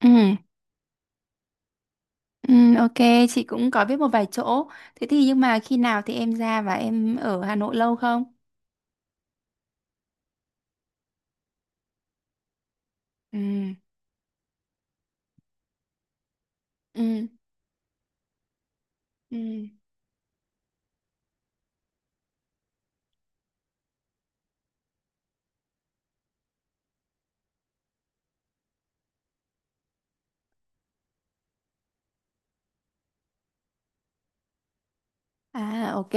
Ừ, ừ, ok, chị cũng có biết một vài chỗ. Thế thì nhưng mà khi nào thì em ra và em ở Hà Nội lâu không? Ừ, ừ, ừ. À, ok.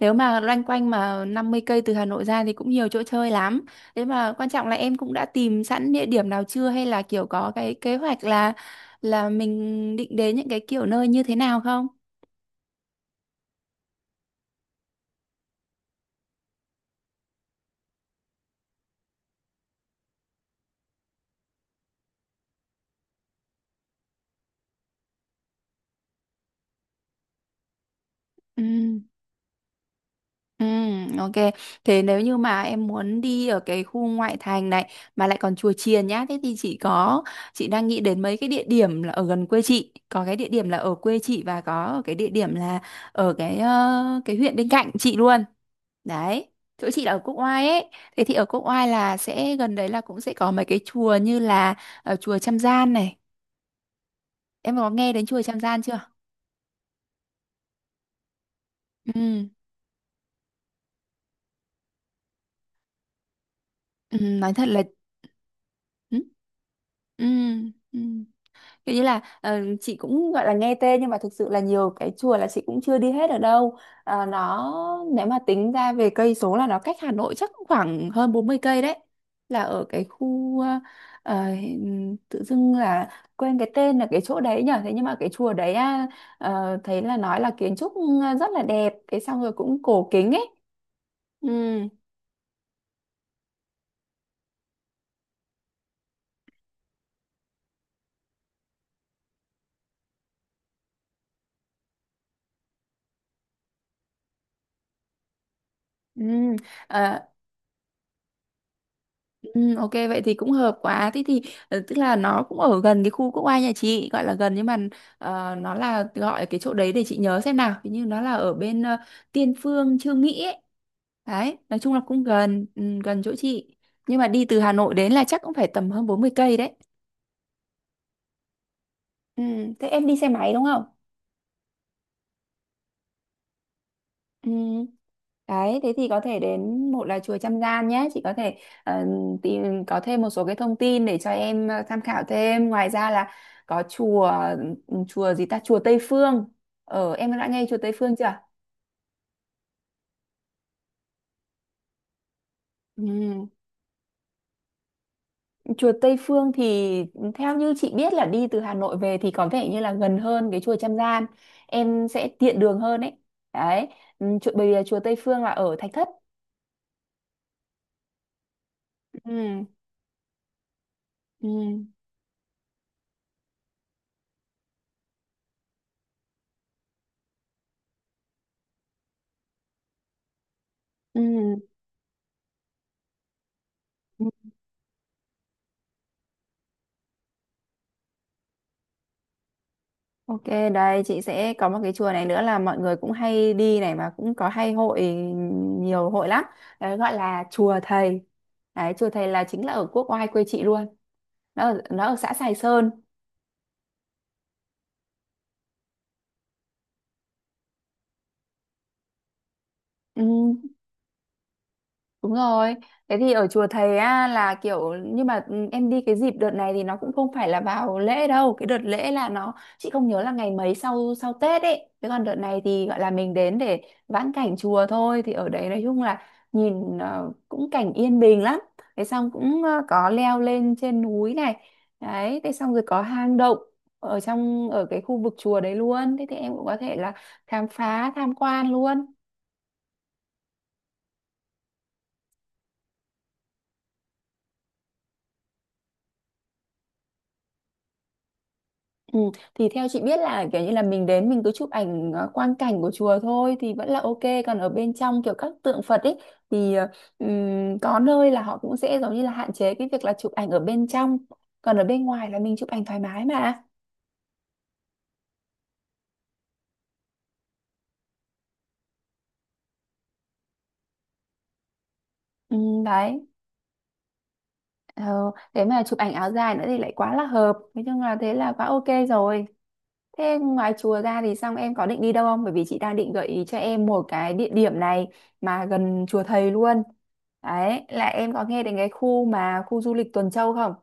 Nếu mà loanh quanh mà 50 cây từ Hà Nội ra thì cũng nhiều chỗ chơi lắm. Thế mà quan trọng là em cũng đã tìm sẵn địa điểm nào chưa hay là kiểu có cái kế hoạch là mình định đến những cái kiểu nơi như thế nào không? Ừ. Ừ, ok. Thế nếu như mà em muốn đi ở cái khu ngoại thành này mà lại còn chùa chiền nhá, thế thì chị đang nghĩ đến mấy cái địa điểm là ở gần quê chị, có cái địa điểm là ở quê chị và có cái địa điểm là ở cái huyện bên cạnh chị luôn. Đấy. Chỗ chị là ở Quốc Oai ấy. Thế thì ở Quốc Oai là sẽ gần đấy, là cũng sẽ có mấy cái chùa như là chùa Trăm Gian này. Em có nghe đến chùa Trăm Gian chưa? Ừ, ừ nói thật là ừ. Ừ. Ừ. Kiểu như là chị cũng gọi là nghe tên nhưng mà thực sự là nhiều cái chùa là chị cũng chưa đi hết ở đâu. Ờ, nó nếu mà tính ra về cây số là nó cách Hà Nội chắc cũng khoảng hơn 40 cây đấy. Là ở cái khu ờ, tự dưng là quên cái tên là cái chỗ đấy nhở. Thế nhưng mà cái chùa đấy à, thấy là nói là kiến trúc rất là đẹp, cái xong rồi cũng cổ kính ấy. Ừ. Ừ. Ừ, ok vậy thì cũng hợp quá, thế thì tức là nó cũng ở gần cái khu quốc oai nhà chị, gọi là gần nhưng mà nó là gọi cái chỗ đấy để chị nhớ xem nào. Hình như nó là ở bên Tiên Phương Chương Mỹ ấy. Đấy nói chung là cũng gần, gần chỗ chị, nhưng mà đi từ Hà Nội đến là chắc cũng phải tầm hơn 40 cây đấy. Ừ, thế em đi xe máy đúng không? Ừ. Đấy, thế thì có thể đến, một là chùa Trăm Gian nhé, chị có thể ờ, tìm có thêm một số cái thông tin để cho em tham khảo thêm. Ngoài ra là có chùa gì ta, chùa Tây Phương. Ờ, em đã nghe chùa Tây Phương chưa? Ừ. Chùa Tây Phương thì theo như chị biết là đi từ Hà Nội về thì có vẻ như là gần hơn cái chùa Trăm Gian. Em sẽ tiện đường hơn ấy. Đấy, bởi vì là chùa Tây Phương là ở Thạch Thất. Ừ. Ừ. Ừ. Ok, đây chị sẽ có một cái chùa này nữa là mọi người cũng hay đi này, mà cũng có hay hội, nhiều hội lắm. Đấy, gọi là chùa Thầy. Đấy, chùa Thầy là chính là ở quốc oai quê chị luôn. Nó ở xã Sài Sơn. Ừ. Đúng rồi. Thế thì ở chùa thầy á là kiểu, nhưng mà em đi cái dịp đợt này thì nó cũng không phải là vào lễ đâu. Cái đợt lễ là nó chị không nhớ là ngày mấy, sau sau Tết ấy. Thế còn đợt này thì gọi là mình đến để vãn cảnh chùa thôi, thì ở đấy nói chung là nhìn cũng cảnh yên bình lắm. Thế xong cũng có leo lên trên núi này. Đấy, thế xong rồi có hang động ở cái khu vực chùa đấy luôn. Thế thì em cũng có thể là khám phá tham quan luôn. Ừ, thì theo chị biết là kiểu như là mình đến mình cứ chụp ảnh quang cảnh của chùa thôi thì vẫn là ok, còn ở bên trong kiểu các tượng Phật ấy thì có nơi là họ cũng sẽ giống như là hạn chế cái việc là chụp ảnh ở bên trong, còn ở bên ngoài là mình chụp ảnh thoải mái mà. Đấy, ờ, thế mà chụp ảnh áo dài nữa thì lại quá là hợp, nói chung là thế là quá ok rồi. Thế ngoài chùa ra thì xong em có định đi đâu không? Bởi vì chị đang định gợi ý cho em một cái địa điểm này mà gần chùa thầy luôn. Đấy, là em có nghe đến cái khu mà khu du lịch Tuần Châu không?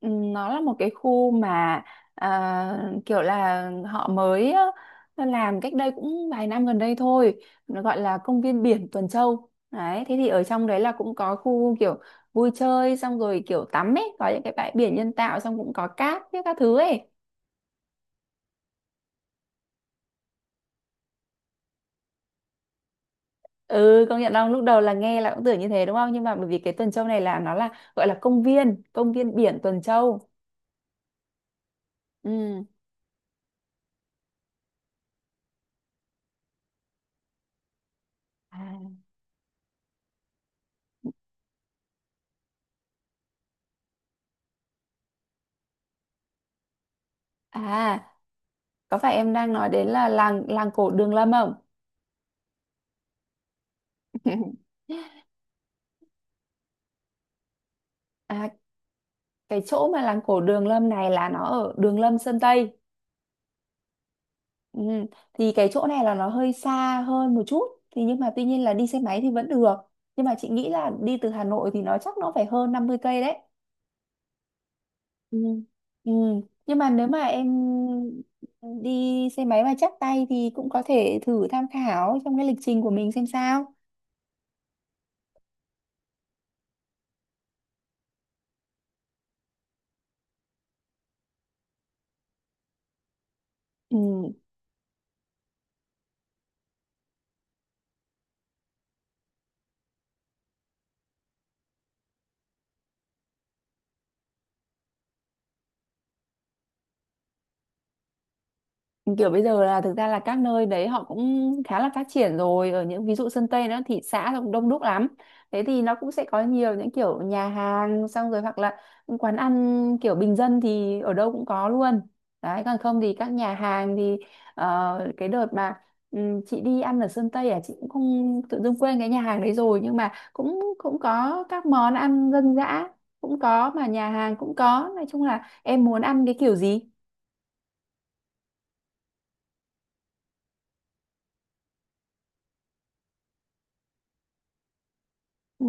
Nó là một cái khu mà kiểu là họ mới á, làm cách đây cũng vài năm gần đây thôi. Nó gọi là công viên biển Tuần Châu. Đấy, thế thì ở trong đấy là cũng có khu kiểu vui chơi xong rồi kiểu tắm ấy, có những cái bãi biển nhân tạo, xong cũng có cát với các thứ ấy. Ừ, công nhận không, lúc đầu là nghe là cũng tưởng như thế đúng không, nhưng mà bởi vì cái Tuần Châu này là nó là gọi là công viên biển Tuần Châu. Ừ. À. à có phải em đang nói đến là làng làng cổ Đường Lâm không? à cái chỗ mà làng cổ Đường Lâm này là nó ở Đường Lâm Sơn Tây. Ừ. Thì cái chỗ này là nó hơi xa hơn một chút, thì nhưng mà tuy nhiên là đi xe máy thì vẫn được, nhưng mà chị nghĩ là đi từ Hà Nội thì nó phải hơn 50 cây đấy. Ừ. Ừ. Nhưng mà nếu mà em đi xe máy mà chắc tay thì cũng có thể thử tham khảo trong cái lịch trình của mình xem sao. Ừ. Kiểu bây giờ là thực ra là các nơi đấy họ cũng khá là phát triển rồi, ở những ví dụ Sơn Tây, nó thị xã nó cũng đông đúc lắm, thế thì nó cũng sẽ có nhiều những kiểu nhà hàng, xong rồi hoặc là những quán ăn kiểu bình dân thì ở đâu cũng có luôn. Đấy, còn không thì các nhà hàng thì cái đợt mà chị đi ăn ở Sơn Tây à, chị cũng không, tự dưng quên cái nhà hàng đấy rồi, nhưng mà cũng cũng có các món ăn dân dã cũng có, mà nhà hàng cũng có, nói chung là em muốn ăn cái kiểu gì. Ừ.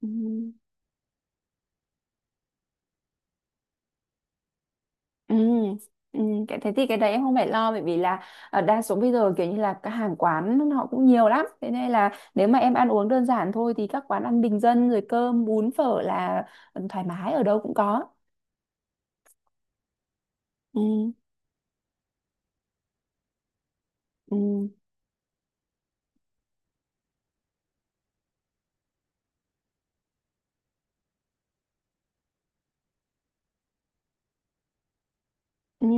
Ừ. Ừ, ừ, cái thế thì cái đấy em không phải lo, bởi vì là đa số bây giờ kiểu như là các hàng quán họ cũng nhiều lắm, thế nên là nếu mà em ăn uống đơn giản thôi thì các quán ăn bình dân rồi cơm bún phở là thoải mái, ở đâu cũng có. Ừ. Ừ. Ừ.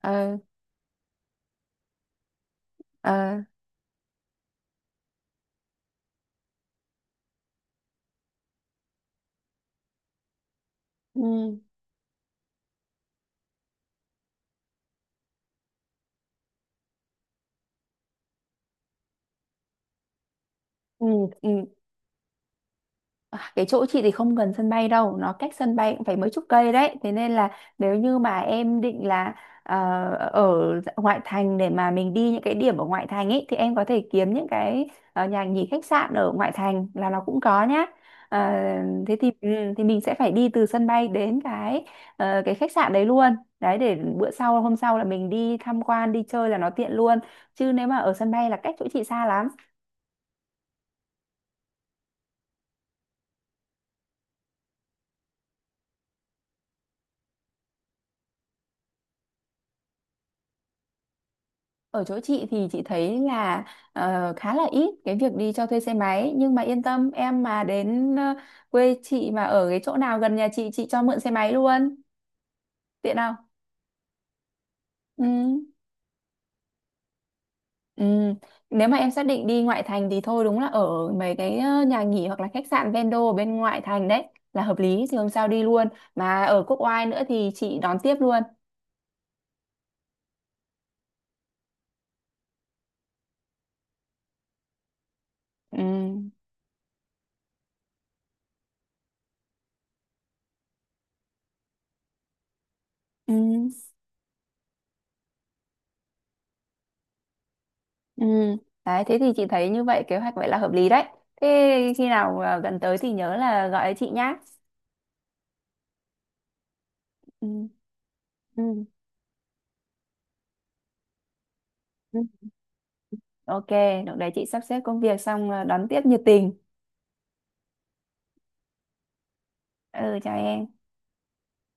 Ờ. Ờ. Ừ. Ừ. Ừ. À, cái chỗ chị thì không gần sân bay đâu, nó cách sân bay cũng phải mấy chục cây đấy, thế nên là nếu như mà em định là ờ, ở ngoại thành để mà mình đi những cái điểm ở ngoại thành ấy, thì em có thể kiếm những cái nhà nghỉ khách sạn ở ngoại thành là nó cũng có nhá. Ờ, thế thì mình sẽ phải đi từ sân bay đến cái khách sạn đấy luôn đấy, để bữa sau hôm sau là mình đi tham quan đi chơi là nó tiện luôn, chứ nếu mà ở sân bay là cách chỗ chị xa lắm. Ở chỗ chị thì chị thấy là khá là ít cái việc đi cho thuê xe máy, nhưng mà yên tâm, em mà đến quê chị, mà ở cái chỗ nào gần nhà chị cho mượn xe máy luôn, tiện không? Ừ. Ừ. Nếu mà em xác định đi ngoại thành thì thôi, đúng là ở mấy cái nhà nghỉ hoặc là khách sạn vendo ở bên ngoại thành đấy là hợp lý, thì hôm sau đi luôn, mà ở Quốc Oai nữa thì chị đón tiếp luôn. Ừ. Ừ. Ừ, đấy, thế thì chị thấy như vậy, kế hoạch vậy là hợp lý đấy. Thế khi nào gần tới thì nhớ là gọi chị nhá. Ừ, ừ. Ừ. Ok, lúc đấy chị sắp xếp công việc xong đón tiếp nhiệt tình. Ừ, chào em.